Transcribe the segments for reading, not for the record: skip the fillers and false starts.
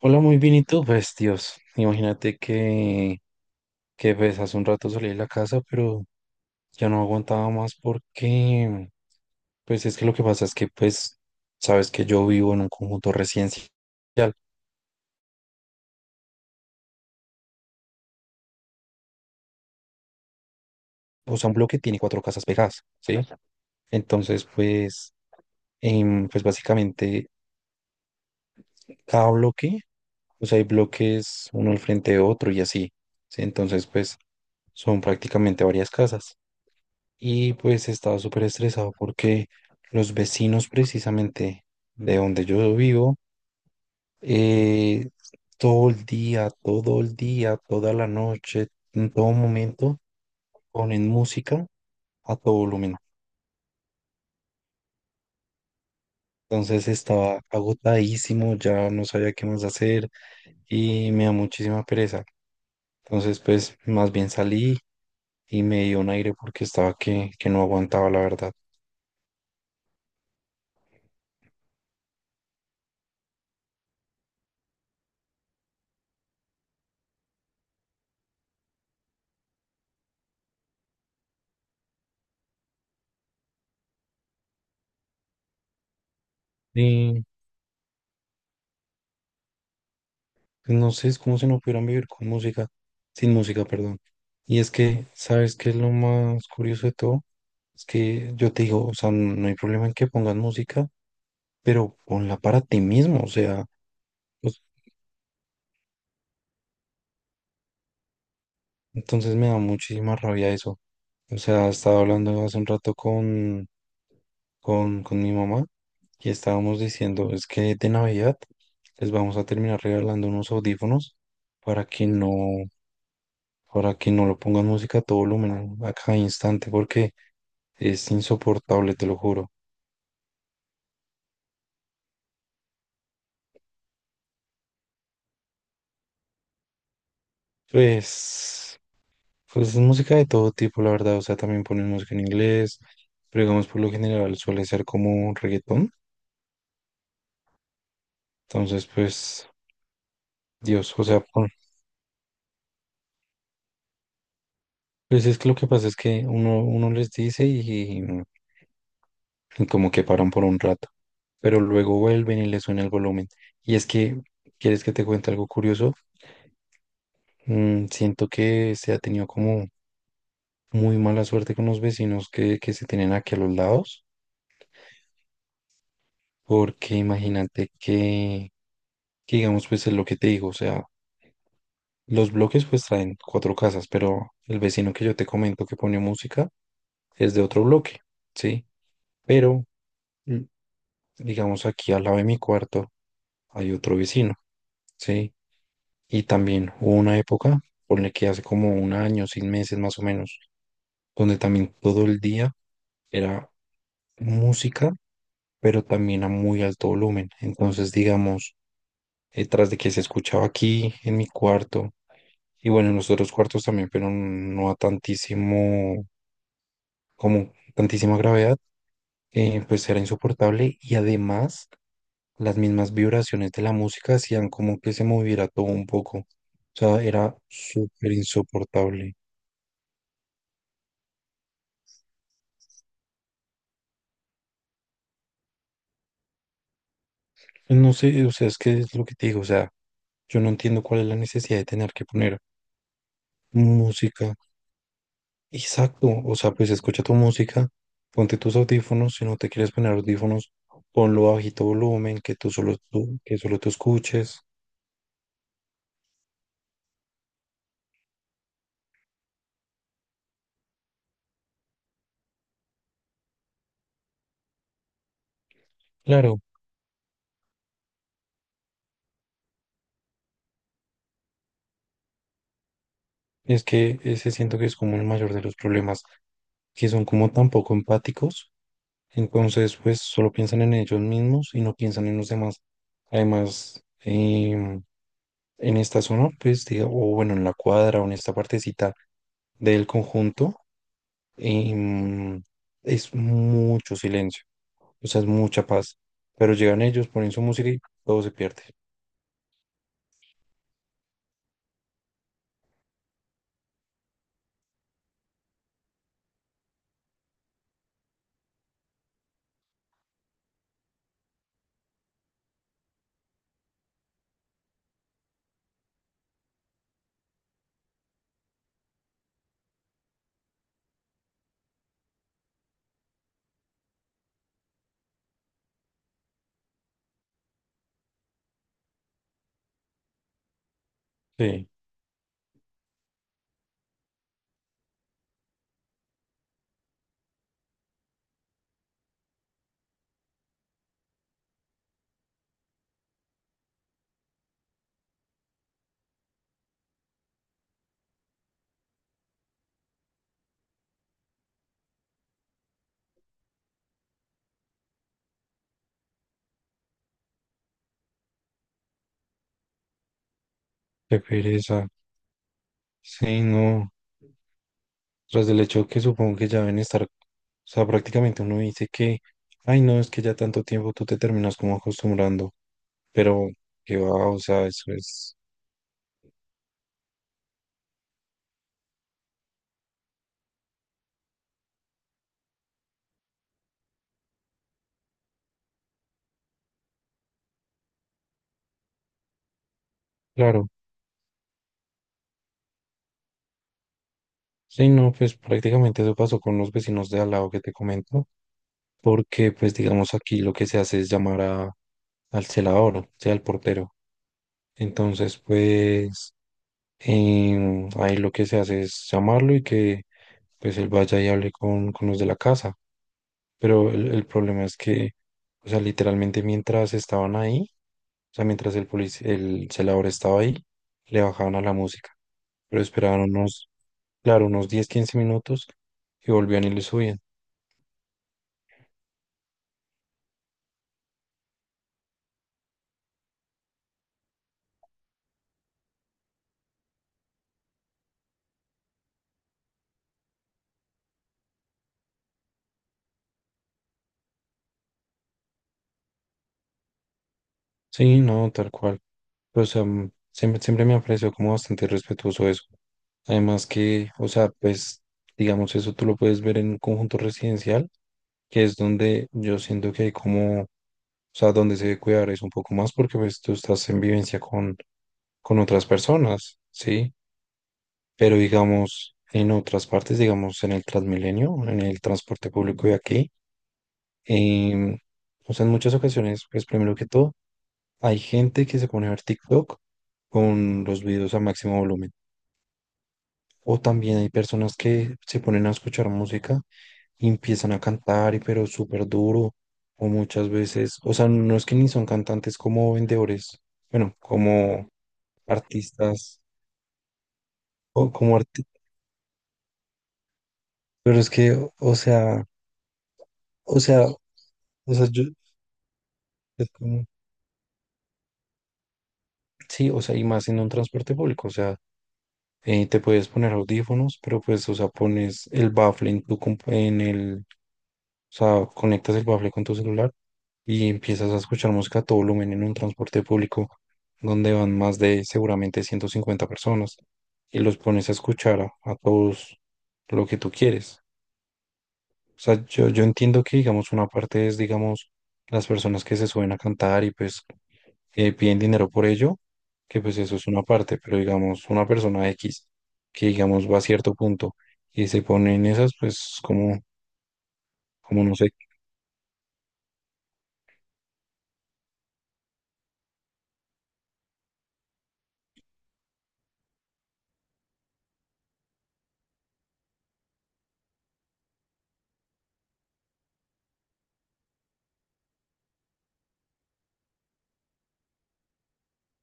Hola, muy bien, ¿y tú? Pues, Dios, imagínate que, que, hace un rato salí de la casa, pero ya no aguantaba más porque, pues, es que lo que pasa es que, pues, sabes que yo vivo en un conjunto residencial, o sea, un bloque tiene cuatro casas pegadas, ¿sí? Entonces, pues, pues, básicamente, cada bloque, o sea, hay bloques uno al frente de otro y así, ¿sí? Entonces, pues, son prácticamente varias casas. Y pues estaba súper estresado porque los vecinos precisamente de donde yo vivo, eh, todo el día, toda la noche, en todo momento, ponen música a todo volumen. Entonces estaba agotadísimo, ya no sabía qué más hacer y me da muchísima pereza. Entonces pues más bien salí y me dio un aire porque estaba que no aguantaba la verdad. Y pues no sé, es como si no pudieran vivir con música, sin música, perdón. Y es que, ¿sabes qué es lo más curioso de todo? Es que yo te digo, o sea, no hay problema en que pongas música, pero ponla para ti mismo, o sea, pues, entonces me da muchísima rabia eso. O sea, estaba hablando hace un rato con, con mi mamá y estábamos diciendo, es que de Navidad les vamos a terminar regalando unos audífonos para que no, para que no lo pongan música a todo volumen a cada instante, porque es insoportable, te lo juro. Pues, pues, música de todo tipo, la verdad. O sea, también ponen música en inglés, pero digamos, por lo general suele ser como reggaetón. Entonces, pues, Dios, o sea, pues es que lo que pasa es que uno les dice y como que paran por un rato, pero luego vuelven y les suena el volumen. Y es que, ¿quieres que te cuente algo curioso? Siento que se ha tenido como muy mala suerte con los vecinos que se tienen aquí a los lados. Porque imagínate que digamos, pues es lo que te digo, o sea, los bloques pues traen cuatro casas, pero el vecino que yo te comento que pone música es de otro bloque, ¿sí? Pero, mm, digamos, aquí al lado de mi cuarto hay otro vecino, ¿sí? Y también hubo una época, ponle que hace como un año, 6 meses más o menos, donde también todo el día era música, pero también a muy alto volumen. Entonces, digamos, tras de que se escuchaba aquí en mi cuarto, y bueno, en los otros cuartos también, pero no a tantísimo, como tantísima gravedad, pues era insoportable y además las mismas vibraciones de la música hacían como que se moviera todo un poco. O sea, era súper insoportable. No sé, o sea, es que es lo que te digo, o sea, yo no entiendo cuál es la necesidad de tener que poner música. Exacto, o sea, pues escucha tu música, ponte tus audífonos, si no te quieres poner audífonos, ponlo a bajito volumen, que tú solo, tú, que solo tú escuches. Claro, es que ese siento que es como el mayor de los problemas, que son como tan poco empáticos, entonces pues solo piensan en ellos mismos y no piensan en los demás. Además, en esta zona, pues o bueno, en la cuadra o en esta partecita del conjunto, em, es mucho silencio, o sea, es mucha paz, pero llegan ellos, ponen su música y todo se pierde. Sí, qué pereza. Sí, no. Tras del hecho que supongo que ya deben estar, o sea, prácticamente uno dice que, ay, no, es que ya tanto tiempo tú te terminas como acostumbrando, pero que va, o sea, eso es claro. Sí, no, pues prácticamente eso pasó con los vecinos de al lado que te comento, porque pues digamos aquí lo que se hace es llamar a, al celador, o sea, al portero. Entonces, pues ahí lo que se hace es llamarlo y que pues él vaya y hable con los de la casa. Pero el problema es que, o sea, literalmente mientras estaban ahí, o sea, mientras el el celador estaba ahí, le bajaban a la música, pero esperaban unos, claro, unos 10 15 minutos y volvían y le subían. Sí, no, tal cual. Pues o sea, siempre, siempre me ha parecido como bastante respetuoso eso. Además que, o sea, pues, digamos, eso tú lo puedes ver en un conjunto residencial, que es donde yo siento que hay como, o sea, donde se debe cuidar es un poco más, porque pues tú estás en vivencia con otras personas, ¿sí? Pero digamos, en otras partes, digamos, en el Transmilenio, en el transporte público de aquí, em, o sea, en muchas ocasiones, pues primero que todo, hay gente que se pone a ver TikTok con los videos a máximo volumen. O también hay personas que se ponen a escuchar música y empiezan a cantar, y pero súper duro, o muchas veces, o sea, no es que ni son cantantes como vendedores, bueno, como artistas, o como artistas, pero es que, o sea, O sea, o sea, yo, es como, sí, o sea, y más en un transporte público, o sea, te puedes poner audífonos, pero pues, o sea, pones el bafle en tu, en el, o sea, conectas el bafle con tu celular y empiezas a escuchar música a todo volumen en un transporte público donde van más de seguramente 150 personas y los pones a escuchar a, todos lo que tú quieres. O sea, yo entiendo que, digamos, una parte es, digamos, las personas que se suben a cantar y pues piden dinero por ello, que pues eso es una parte, pero digamos, una persona X que digamos va a cierto punto y se pone en esas, pues como, como no sé.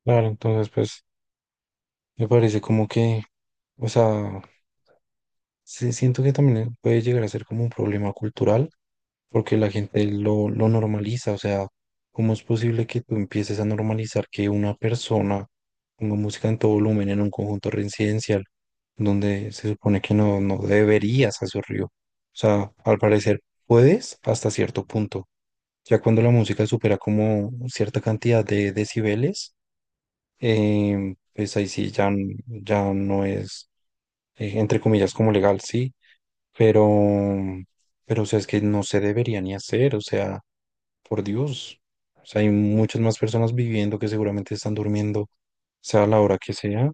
Claro, entonces pues me parece como que, o sea, sí siento que también puede llegar a ser como un problema cultural porque la gente lo normaliza, o sea, ¿cómo es posible que tú empieces a normalizar que una persona ponga música en todo volumen en un conjunto residencial donde se supone que no, no deberías hacerlo? O sea, al parecer puedes hasta cierto punto. Ya cuando la música supera como cierta cantidad de decibeles, pues ahí sí ya, ya no es, entre comillas, como legal, sí, pero, pero o sea, es que no se debería ni hacer, o sea. Por Dios. O sea, hay muchas más personas viviendo que seguramente están durmiendo, sea a la hora que sea.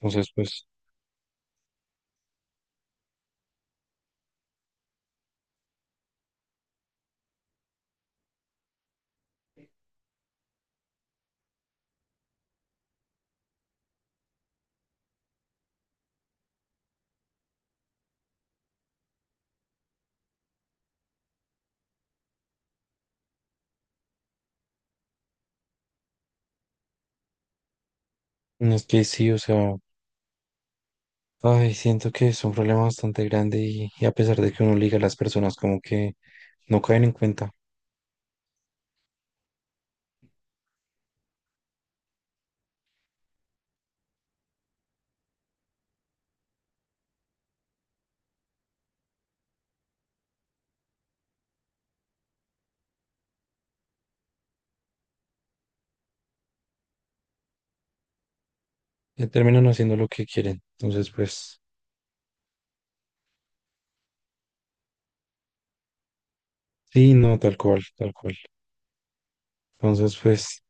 Entonces, pues, no es que sí, o sea, ay, siento que es un problema bastante grande y a pesar de que uno liga a las personas como que no caen en cuenta, ya terminan haciendo lo que quieren. Entonces, pues, sí, no, tal cual, tal cual. Entonces, pues,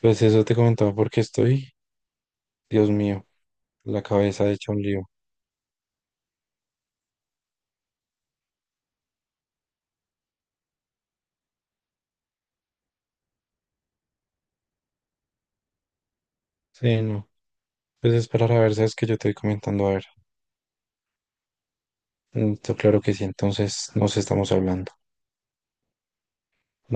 pues eso te comentaba porque estoy, Dios mío, la cabeza hecha un lío. Sí, no. Pues esperar a ver, sabes que yo te voy comentando a ver. Mm, claro que sí, entonces nos estamos hablando.